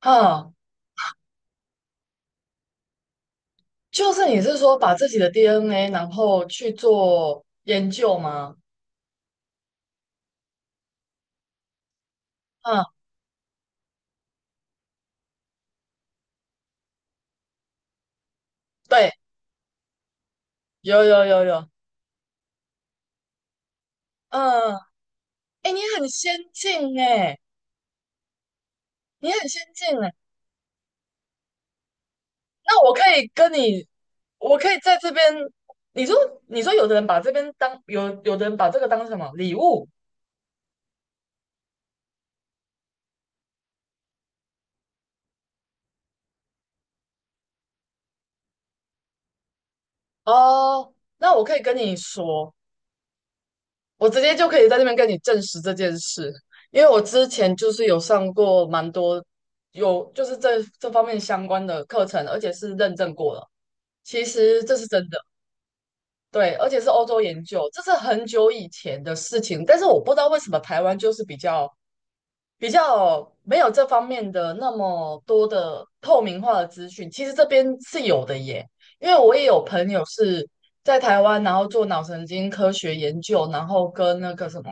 啊，就是你是说把自己的 DNA 然后去做研究吗？嗯，对，有有有有，嗯，哎，你很先进哎，你很先进哎，那我可以跟你，我可以在这边，你说你说有的人把这边当有有的人把这个当什么礼物。哦，那我可以跟你说，我直接就可以在这边跟你证实这件事，因为我之前就是有上过蛮多有就是这方面相关的课程，而且是认证过了。其实这是真的，对，而且是欧洲研究，这是很久以前的事情。但是我不知道为什么台湾就是比较没有这方面的那么多的透明化的资讯。其实这边是有的耶，因为我也有朋友是在台湾，然后做脑神经科学研究，然后跟那个什么。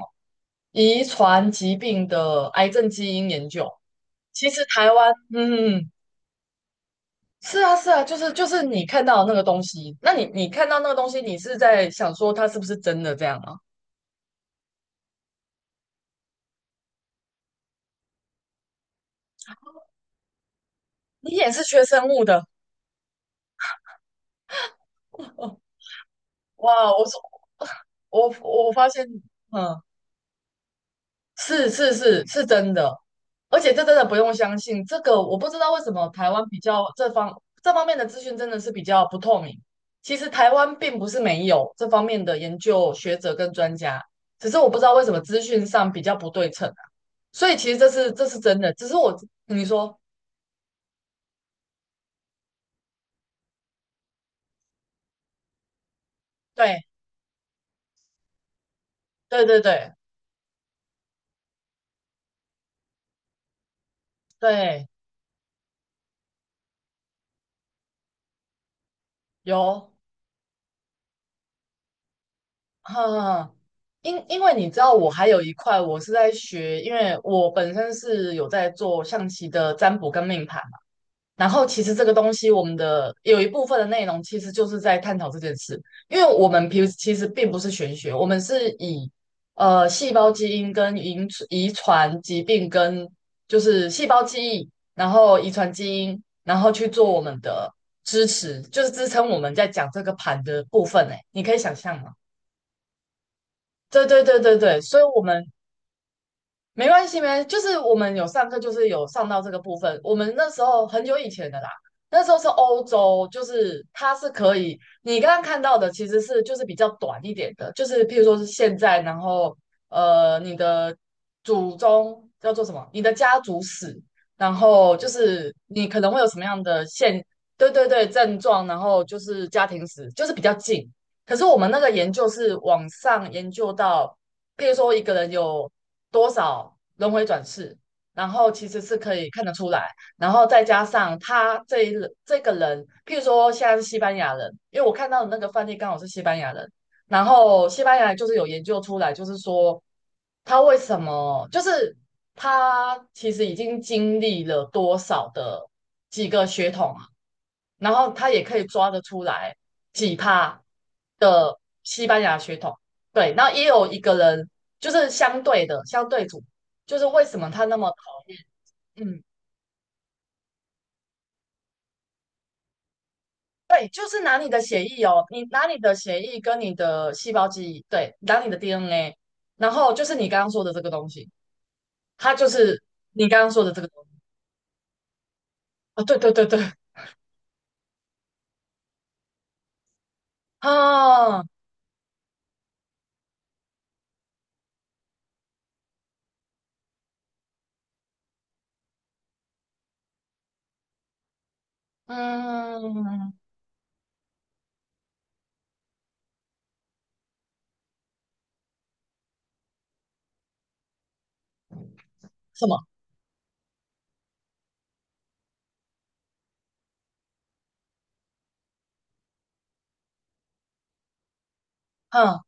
遗传疾病的癌症基因研究。其实台湾，嗯，是啊，是啊，就是你看到的那个东西。那你看到那个东西，你是在想说它是不是真的这样吗？你也是学生物的。哦，哇！我说我我发现，嗯，是是是是真的，而且这真的不用相信。这个我不知道为什么台湾比较这方面的资讯真的是比较不透明。其实台湾并不是没有这方面的研究学者跟专家，只是我不知道为什么资讯上比较不对称啊。所以其实这是真的，只是我你说对对对对对有，哈。因为你知道，我还有一块我是在学，因为我本身是有在做象棋的占卜跟命盘。然后其实这个东西，我们的有一部分的内容其实就是在探讨这件事，因为我们平其实并不是玄学，我们是以细胞基因跟遗传疾病跟就是细胞记忆，然后遗传基因，然后去做我们的支持，就是支撑我们在讲这个盘的部分。哎，你可以想象吗？对对对对对，所以我们没关系，没，就是我们有上课，就是有上到这个部分。我们那时候很久以前的啦，那时候是欧洲，就是它是可以，你刚刚看到的其实是就是比较短一点的，就是譬如说是现在，然后你的祖宗叫做什么？你的家族史，然后就是你可能会有什么样的对对对，症状，然后就是家庭史，就是比较近。可是我们那个研究是往上研究到，譬如说一个人有多少轮回转世，然后其实是可以看得出来，然后再加上他这个人，譬如说现在是西班牙人，因为我看到的那个范例刚好是西班牙人，然后西班牙人就是有研究出来，就是说他为什么，就是他其实已经经历了多少的几个血统啊，然后他也可以抓得出来。几趴的西班牙血统，对，那也有一个人就是相对组，就是为什么他那么讨厌？嗯，对，就是拿你的血液哦，你拿你的血液跟你的细胞记忆，对，拿你的 DNA，然后就是你刚刚说的这个东西，它就是你刚刚说的这个东西啊，对对对对，啊，嗯，什么？嗯，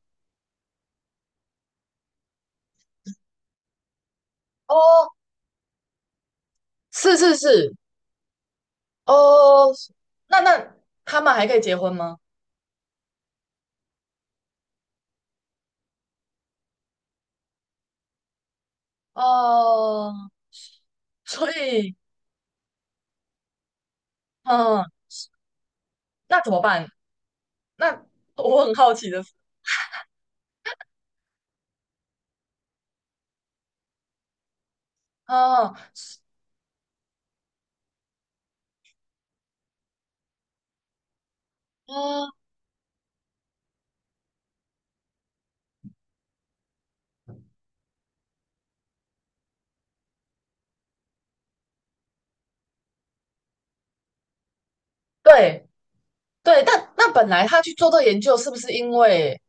哦，是是是。哦，那他们还可以结婚吗？哦，所以，嗯，那怎么办？那 我很好奇的是，嗯嗯，对对，但那本来他去做这个研究，是不是因为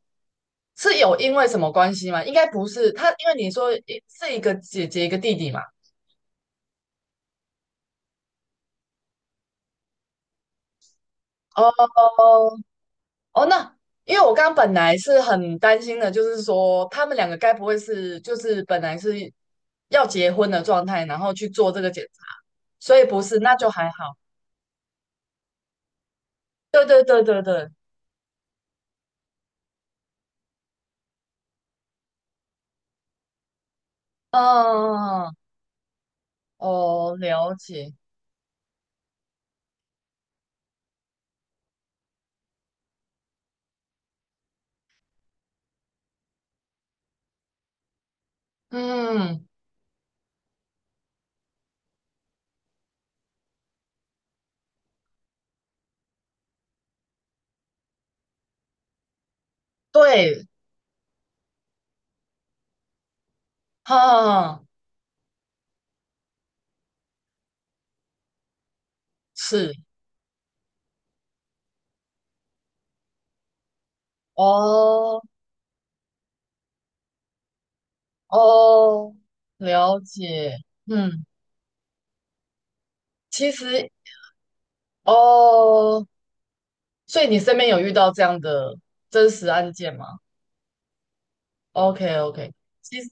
是有因为什么关系吗？应该不是，他因为你说一是一个姐姐一个弟弟嘛。哦哦，那因为我刚刚本来是很担心的，就是说他们两个该不会是就是本来是要结婚的状态，然后去做这个检查，所以不是，那就还好。对对对对对。嗯，嗯嗯，哦，了解，嗯，对，哈，嗯是，哦，哦，了解，嗯，其实，哦，所以你身边有遇到这样的真实案件吗？OK，OK，其实，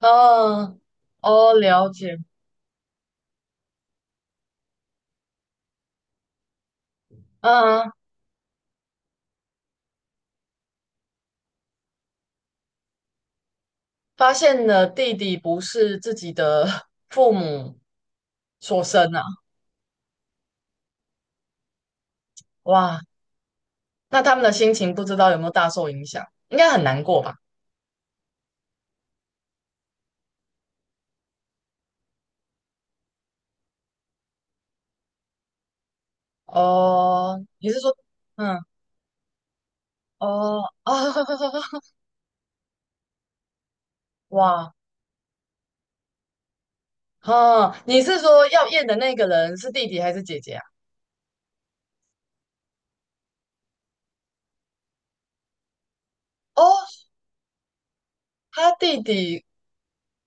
嗯，哦，了解，嗯，发现了弟弟不是自己的 父母所生啊。哇。那他们的心情不知道有没有大受影响，应该很难过吧？哦，你是说，嗯，哦啊，哇，哦，你是说要验的那个人是弟弟还是姐姐啊？哦，他弟弟，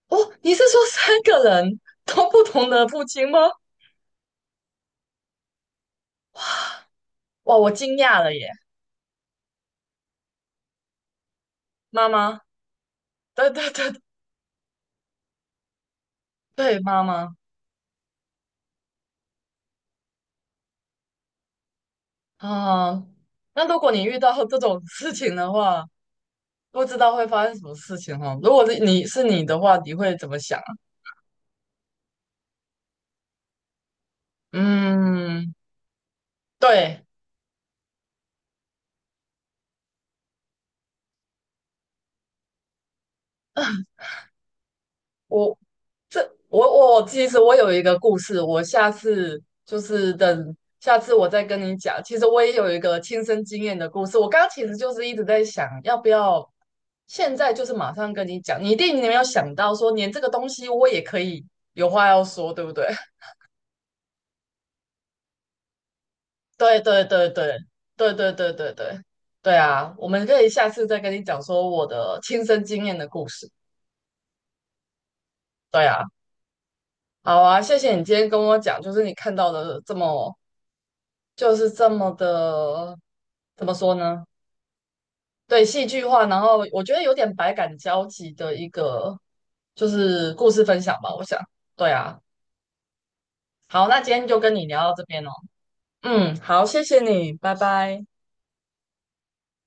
哦，你是说三个人都不同的父亲吗？哇，我惊讶了耶，妈妈，对对对对，妈妈，啊，那如果你遇到这种事情的话，不知道会发生什么事情哦。如果是你的话，你会怎么想？嗯，对，我这我其实我有一个故事，我下次就是等下次我再跟你讲。其实我也有一个亲身经验的故事，我刚刚其实就是一直在想，要不要现在就是马上跟你讲。你一定没有想到说，连这个东西我也可以有话要说，对不对？对对对对对对对对对对啊！我们可以下次再跟你讲说我的亲身经验的故事。对啊。好啊，谢谢你今天跟我讲，就是你看到的这么，就是这么的，怎么说呢？对，戏剧化，然后我觉得有点百感交集的一个，就是故事分享吧，我想。对啊，好，那今天就跟你聊到这边哦。嗯，好，谢谢你，拜拜。